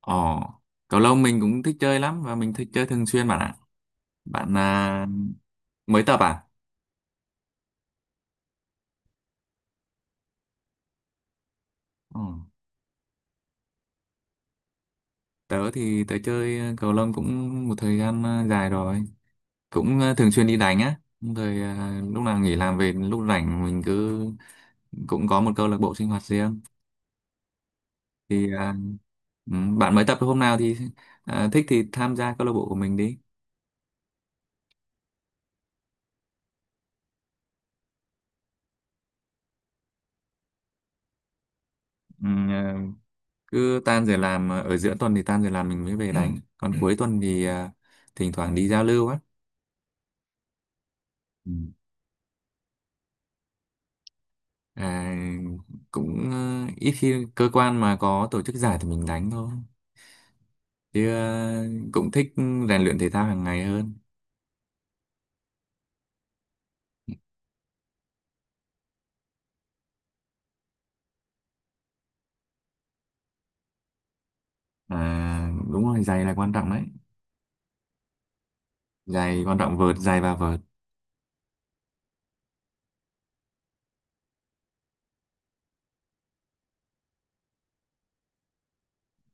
Ồ, cầu lông mình cũng thích chơi lắm và mình thích chơi thường xuyên bạn ạ. Bạn à, mới tập à? Ồ, tớ thì tớ chơi cầu lông cũng một thời gian dài rồi. Cũng thường xuyên đi đánh á. Rồi lúc nào nghỉ làm về lúc rảnh mình cứ cũng có một câu lạc bộ sinh hoạt riêng. Thì à, Bạn mới tập hôm nào thì thích thì tham gia câu lạc bộ của mình đi. Ừ, à, Cứ tan giờ làm ở giữa tuần thì tan giờ làm mình mới về đánh. Còn cuối tuần thì thỉnh thoảng đi giao lưu á. Ừ. à, Ít khi cơ quan mà có tổ chức giải thì mình đánh thôi chứ cũng thích rèn luyện thể thao hàng ngày hơn. Đúng rồi, giày là quan trọng đấy. Giày quan trọng, vợt, giày và vợt.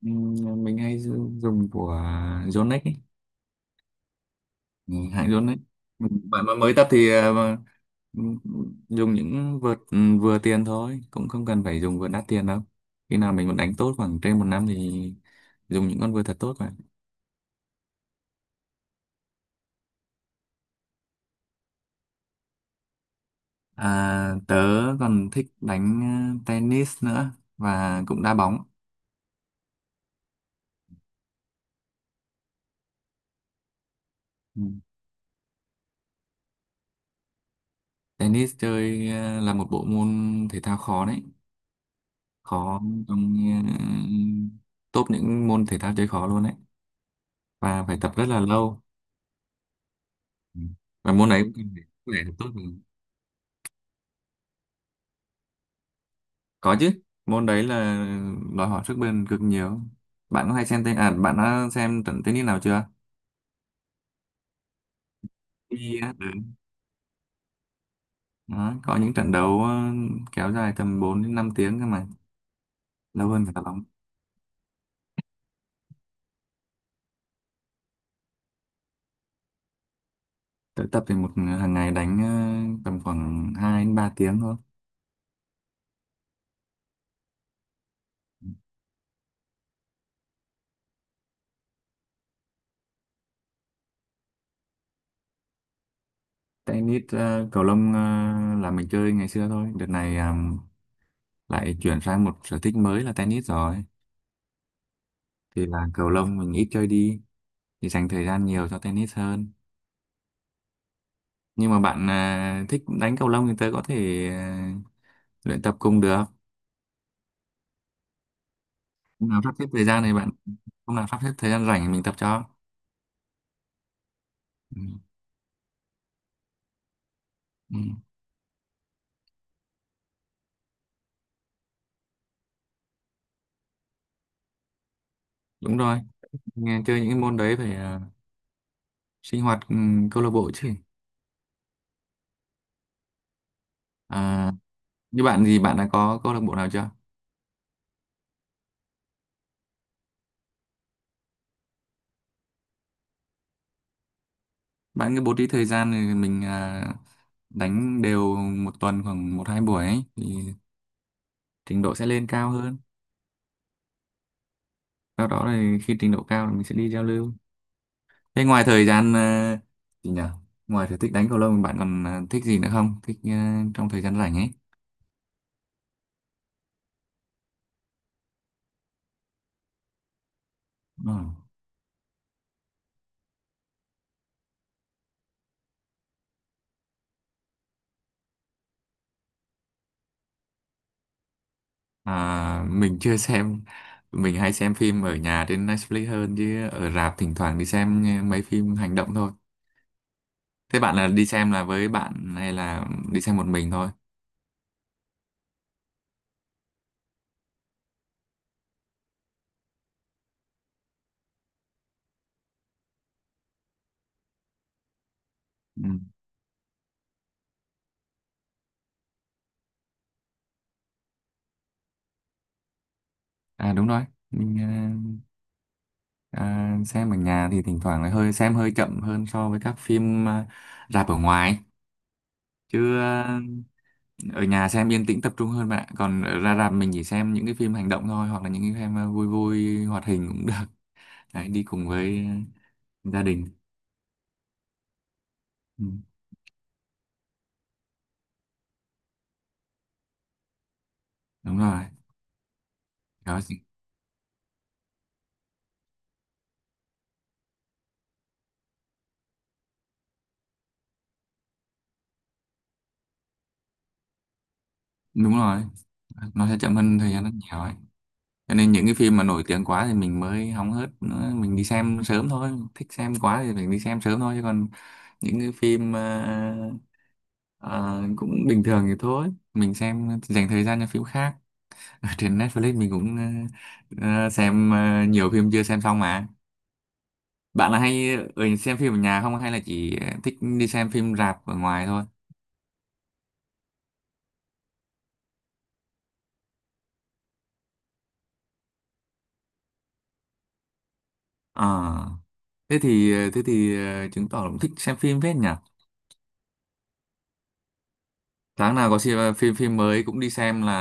Ừ, mình hay dùng dùng của Yonex ấy. Ừ, hãng Yonex. Ừ, bạn mà mới tập thì ừ, dùng những vợt vừa tiền thôi, cũng không cần phải dùng vợt đắt tiền đâu. Khi nào mình muốn đánh tốt khoảng trên một năm thì dùng những con vợt thật tốt mà. À, tớ còn thích đánh tennis nữa và cũng đá bóng. Ừ. Tennis chơi là một bộ môn thể thao khó đấy, khó trong ờ, top những môn thể thao chơi khó luôn đấy, và phải tập rất là lâu. Ừ. Và môn đấy cũng cần phải sức khỏe thật tốt rồi. Có chứ, môn đấy là đòi hỏi sức bền cực nhiều. Bạn có hay xem tên à bạn đã xem trận tennis nào chưa? Đi á, ừ. Đó, có những trận đấu kéo dài tầm 4 đến 5 tiếng cơ mà, lâu hơn cả đá bóng. Tự tập thì một hàng ngày đánh tầm khoảng 2 đến 3 tiếng thôi. Tennis cầu lông là mình chơi ngày xưa thôi, đợt này lại chuyển sang một sở thích mới là tennis rồi. Thì là cầu lông mình ít chơi đi, thì dành thời gian nhiều cho tennis hơn. Nhưng mà bạn thích đánh cầu lông thì tớ có thể luyện tập cùng được. Hôm nào sắp xếp thời gian thì bạn hôm nào sắp xếp thời gian rảnh thì mình tập cho. Ừ. Ừ. Đúng rồi, nghe chơi những cái môn đấy phải sinh hoạt câu lạc bộ chứ. À, như bạn thì bạn đã có câu lạc bộ nào chưa? Bạn cứ bố trí thời gian thì mình đánh đều một tuần khoảng một hai buổi ấy, thì trình độ sẽ lên cao hơn. Sau đó thì khi trình độ cao thì mình sẽ đi giao lưu. Thế ngoài thời gian gì nhỉ, ngoài sở thích đánh cầu lông bạn còn thích gì nữa không, thích trong thời gian rảnh ấy. Ừ. Mình chưa xem, mình hay xem phim ở nhà trên Netflix hơn, chứ ở rạp thỉnh thoảng đi xem mấy phim hành động thôi. Thế bạn là đi xem là với bạn hay là đi xem một mình thôi? Ừ. À đúng rồi, mình xem ở nhà thì thỉnh thoảng lại hơi xem hơi chậm hơn so với các phim rạp ở ngoài. Chứ ở nhà xem yên tĩnh tập trung hơn bạn ạ. Còn ở ra rạp mình chỉ xem những cái phim hành động thôi, hoặc là những cái phim vui vui hoạt hình cũng được. Đấy, đi cùng với gia đình. Ừ. Đúng rồi, đó, đúng rồi. Nó sẽ chậm hơn thời gian rất nhiều ấy. Cho nên những cái phim mà nổi tiếng quá thì mình mới hóng hớt nữa, mình đi xem sớm thôi, thích xem quá thì mình đi xem sớm thôi, chứ còn những cái phim ờ, cũng bình thường thì thôi mình xem dành thời gian cho phim khác. Ở trên Netflix mình cũng xem nhiều phim chưa xem xong mà. Bạn là hay ở xem phim ở nhà không, hay là chỉ thích đi xem phim rạp ở ngoài thôi? Ờ, thế thì chứng tỏ là cũng thích xem phim phết nhỉ. Tháng nào có xem phim phim mới cũng đi xem là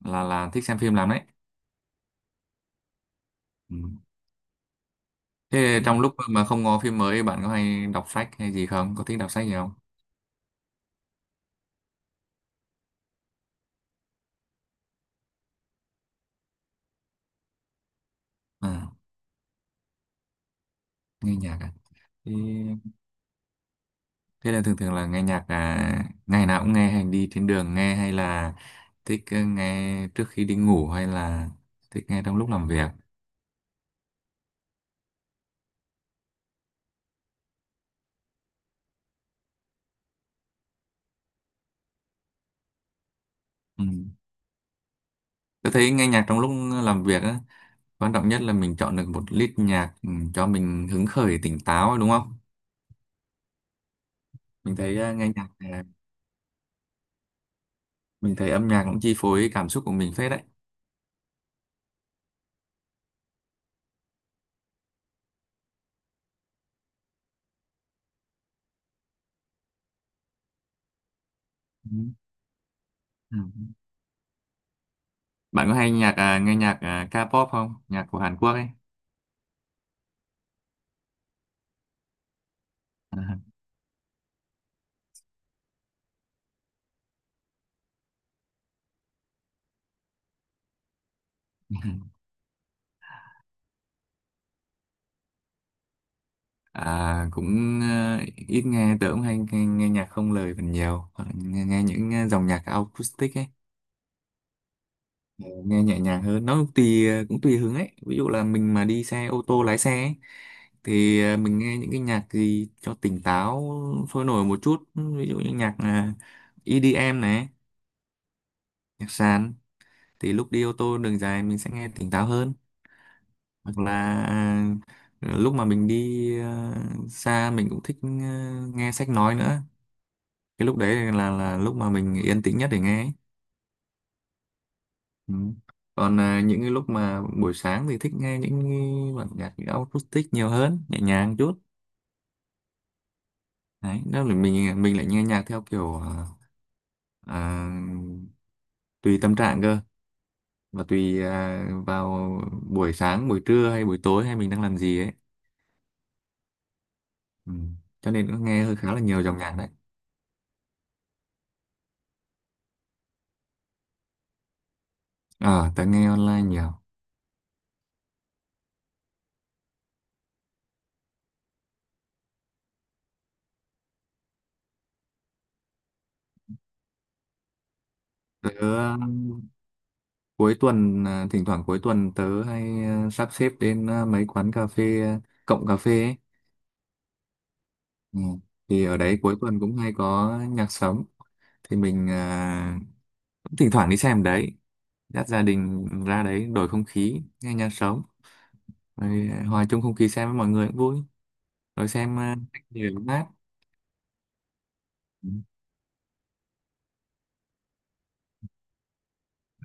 thích xem phim lắm đấy. Ừ. Thế trong lúc mà không có phim mới bạn có hay đọc sách hay gì không, có thích đọc sách gì không? à, Nghe nhạc à? thế, Thế là thường thường là nghe nhạc ngày nào cũng nghe, hay đi trên đường nghe, hay là thích nghe trước khi đi ngủ, hay là thích nghe trong lúc làm việc. Ừ. Tôi thấy nghe nhạc trong lúc làm việc á, quan trọng nhất là mình chọn được một lít nhạc cho mình hứng khởi tỉnh táo đúng không. Mình thấy nghe nhạc ờ, mình thấy âm nhạc cũng chi phối cảm xúc của mình phết đấy. Ừ. Ừ. Bạn có hay nghe nhạc K-pop không, nhạc của Hàn Quốc ấy à? À, cũng ít nghe, tớ cũng hay nghe nhạc không lời phần nhiều. Hoặc là nghe những dòng nhạc acoustic ấy. Ờ, Nghe nhẹ nhàng hơn, nó cũng tùy hứng ấy. Ví dụ là mình mà đi xe ô tô lái xe ấy, thì mình nghe những cái nhạc gì cho tỉnh táo, sôi nổi một chút, ví dụ như nhạc EDM này, nhạc sàn. Thì lúc đi ô tô đường dài mình sẽ nghe tỉnh táo hơn. Hoặc là lúc mà mình đi xa, mình cũng thích nghe sách nói nữa. Cái lúc đấy là lúc mà mình yên tĩnh nhất để nghe ấy. Ừ. Còn những cái lúc mà buổi sáng thì thích nghe những cái bản nhạc acoustic nhiều hơn, nhẹ nhàng chút. Đấy, đó là mình lại nghe nhạc theo kiểu à, tùy tâm trạng cơ, và tùy vào buổi sáng, buổi trưa hay buổi tối, hay mình đang làm gì ấy. Ừ. Cho nên cũng nghe hơi khá là nhiều dòng nhạc đấy. Ờ, Tớ nghe online nhiều. Tớ cuối tuần, thỉnh thoảng cuối tuần tớ hay sắp xếp đến mấy quán cà phê, cộng cà phê ấy. Ừ. Thì ở đấy cuối tuần cũng hay có nhạc sống. Thì mình cũng thỉnh thoảng đi xem đấy. Dắt gia đình ra đấy đổi không khí, nghe nhạc sống. Rồi hòa chung không khí xem với mọi người cũng vui. Rồi xem nhiều mát. Ừ.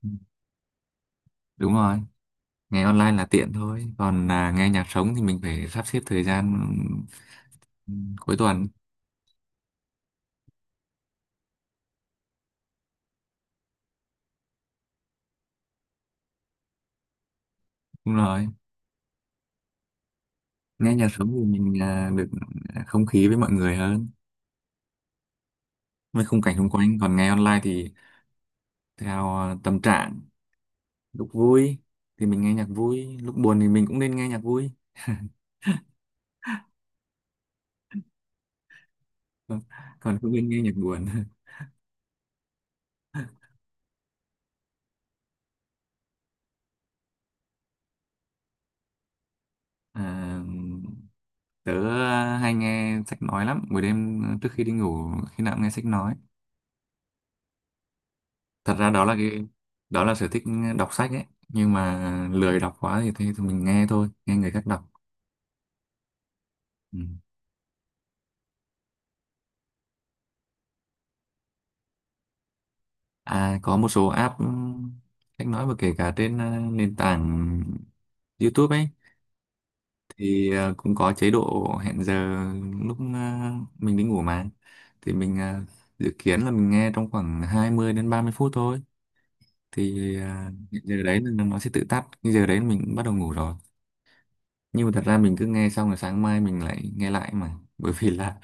Ừ, đúng rồi. Nghe online là tiện thôi, còn nghe nhạc sống thì mình phải sắp xếp thời gian cuối tuần. Đúng rồi, nghe nhạc sống thì mình được không khí với mọi người hơn, với khung cảnh xung quanh. Còn nghe online thì theo tâm trạng. Lúc vui thì mình nghe nhạc vui, lúc buồn thì mình cũng nên nghe nhạc vui còn còn không nên nghe nhạc buồn. à, Tớ hay nghe sách nói lắm, buổi đêm trước khi đi ngủ khi nào cũng nghe sách nói. Thật ra đó là sở thích đọc sách ấy, nhưng mà lười đọc quá thì, mình nghe thôi, nghe người khác đọc. Ừ. À, có một số app sách nói, và kể cả trên nền tảng YouTube ấy, thì cũng có chế độ hẹn giờ. Lúc mình đi ngủ mà, thì mình dự kiến là mình nghe trong khoảng 20 đến 30 phút thôi, thì giờ đấy là nó sẽ tự tắt, cái giờ đấy mình cũng bắt đầu ngủ rồi. Nhưng mà thật ra mình cứ nghe xong rồi sáng mai mình lại nghe lại mà bởi vì là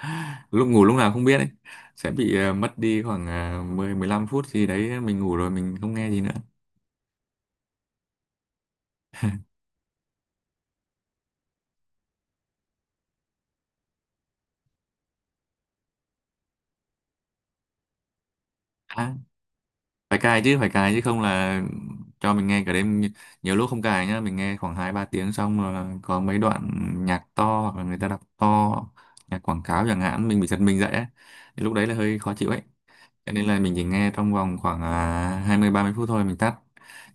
lúc ngủ lúc nào không biết ấy, sẽ bị mất đi khoảng 10 15 phút gì đấy, mình ngủ rồi mình không nghe gì nữa. à, Phải cài chứ, phải cài chứ, không là cho mình nghe cả đêm. Nhiều lúc không cài nhá, mình nghe khoảng 2 3 tiếng, xong rồi có mấy đoạn nhạc to hoặc là người ta đọc to, nhạc quảng cáo chẳng hạn, mình bị giật mình dậy ấy. Thì lúc đấy là hơi khó chịu ấy. Cho nên là mình chỉ nghe trong vòng khoảng 20 30 phút thôi, mình tắt.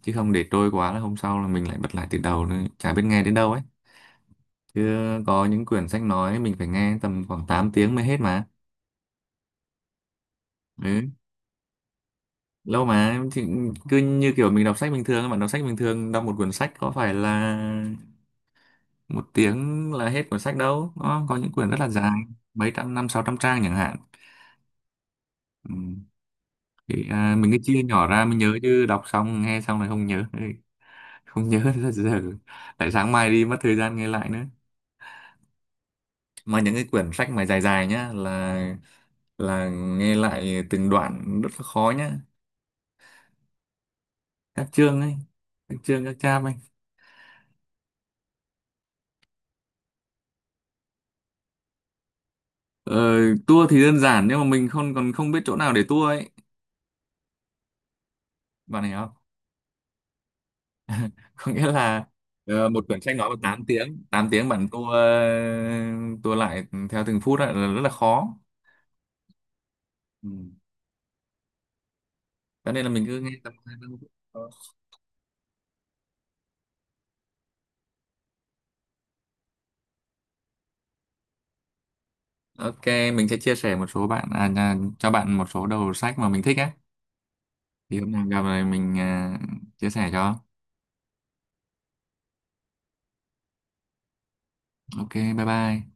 Chứ không để trôi quá là hôm sau là mình lại bật lại từ đầu nữa. Chả biết nghe đến đâu ấy. Chứ có những quyển sách nói mình phải nghe tầm khoảng 8 tiếng mới hết mà. Ừ. Lâu mà thì cứ như kiểu mình đọc sách bình thường. Bạn đọc sách bình thường, đọc một quyển sách có phải là một tiếng là hết cuốn sách đâu. Nó có những quyển rất là dài. Mấy trăm, 500, 600 trang chẳng hạn. Ừ. Thì mình cứ chia nhỏ ra mới nhớ, chứ đọc xong nghe xong là không nhớ. Ừ. Không nhớ ra giờ, tại sáng mai đi mất thời gian nghe lại nữa. Mà những cái quyển sách mà dài dài nhá, là nghe lại từng đoạn rất là khó nhá. Các chương ấy, các chương các chap ấy. ờ, Tour thì đơn giản, nhưng mà mình không biết chỗ nào để tour ấy. Bạn hiểu không? Có nghĩa là một quyển sách nói vào 8 tiếng, 8 tiếng, bạn tour lại theo từng phút ấy, là rất là khó. Ừ. Cho nên là mình cứ nghe tập. OK, mình sẽ chia sẻ một số bạn à, à, cho bạn một số đầu sách mà mình thích á. Thì hôm nào gặp này mình chia sẻ cho. OK, bye bye.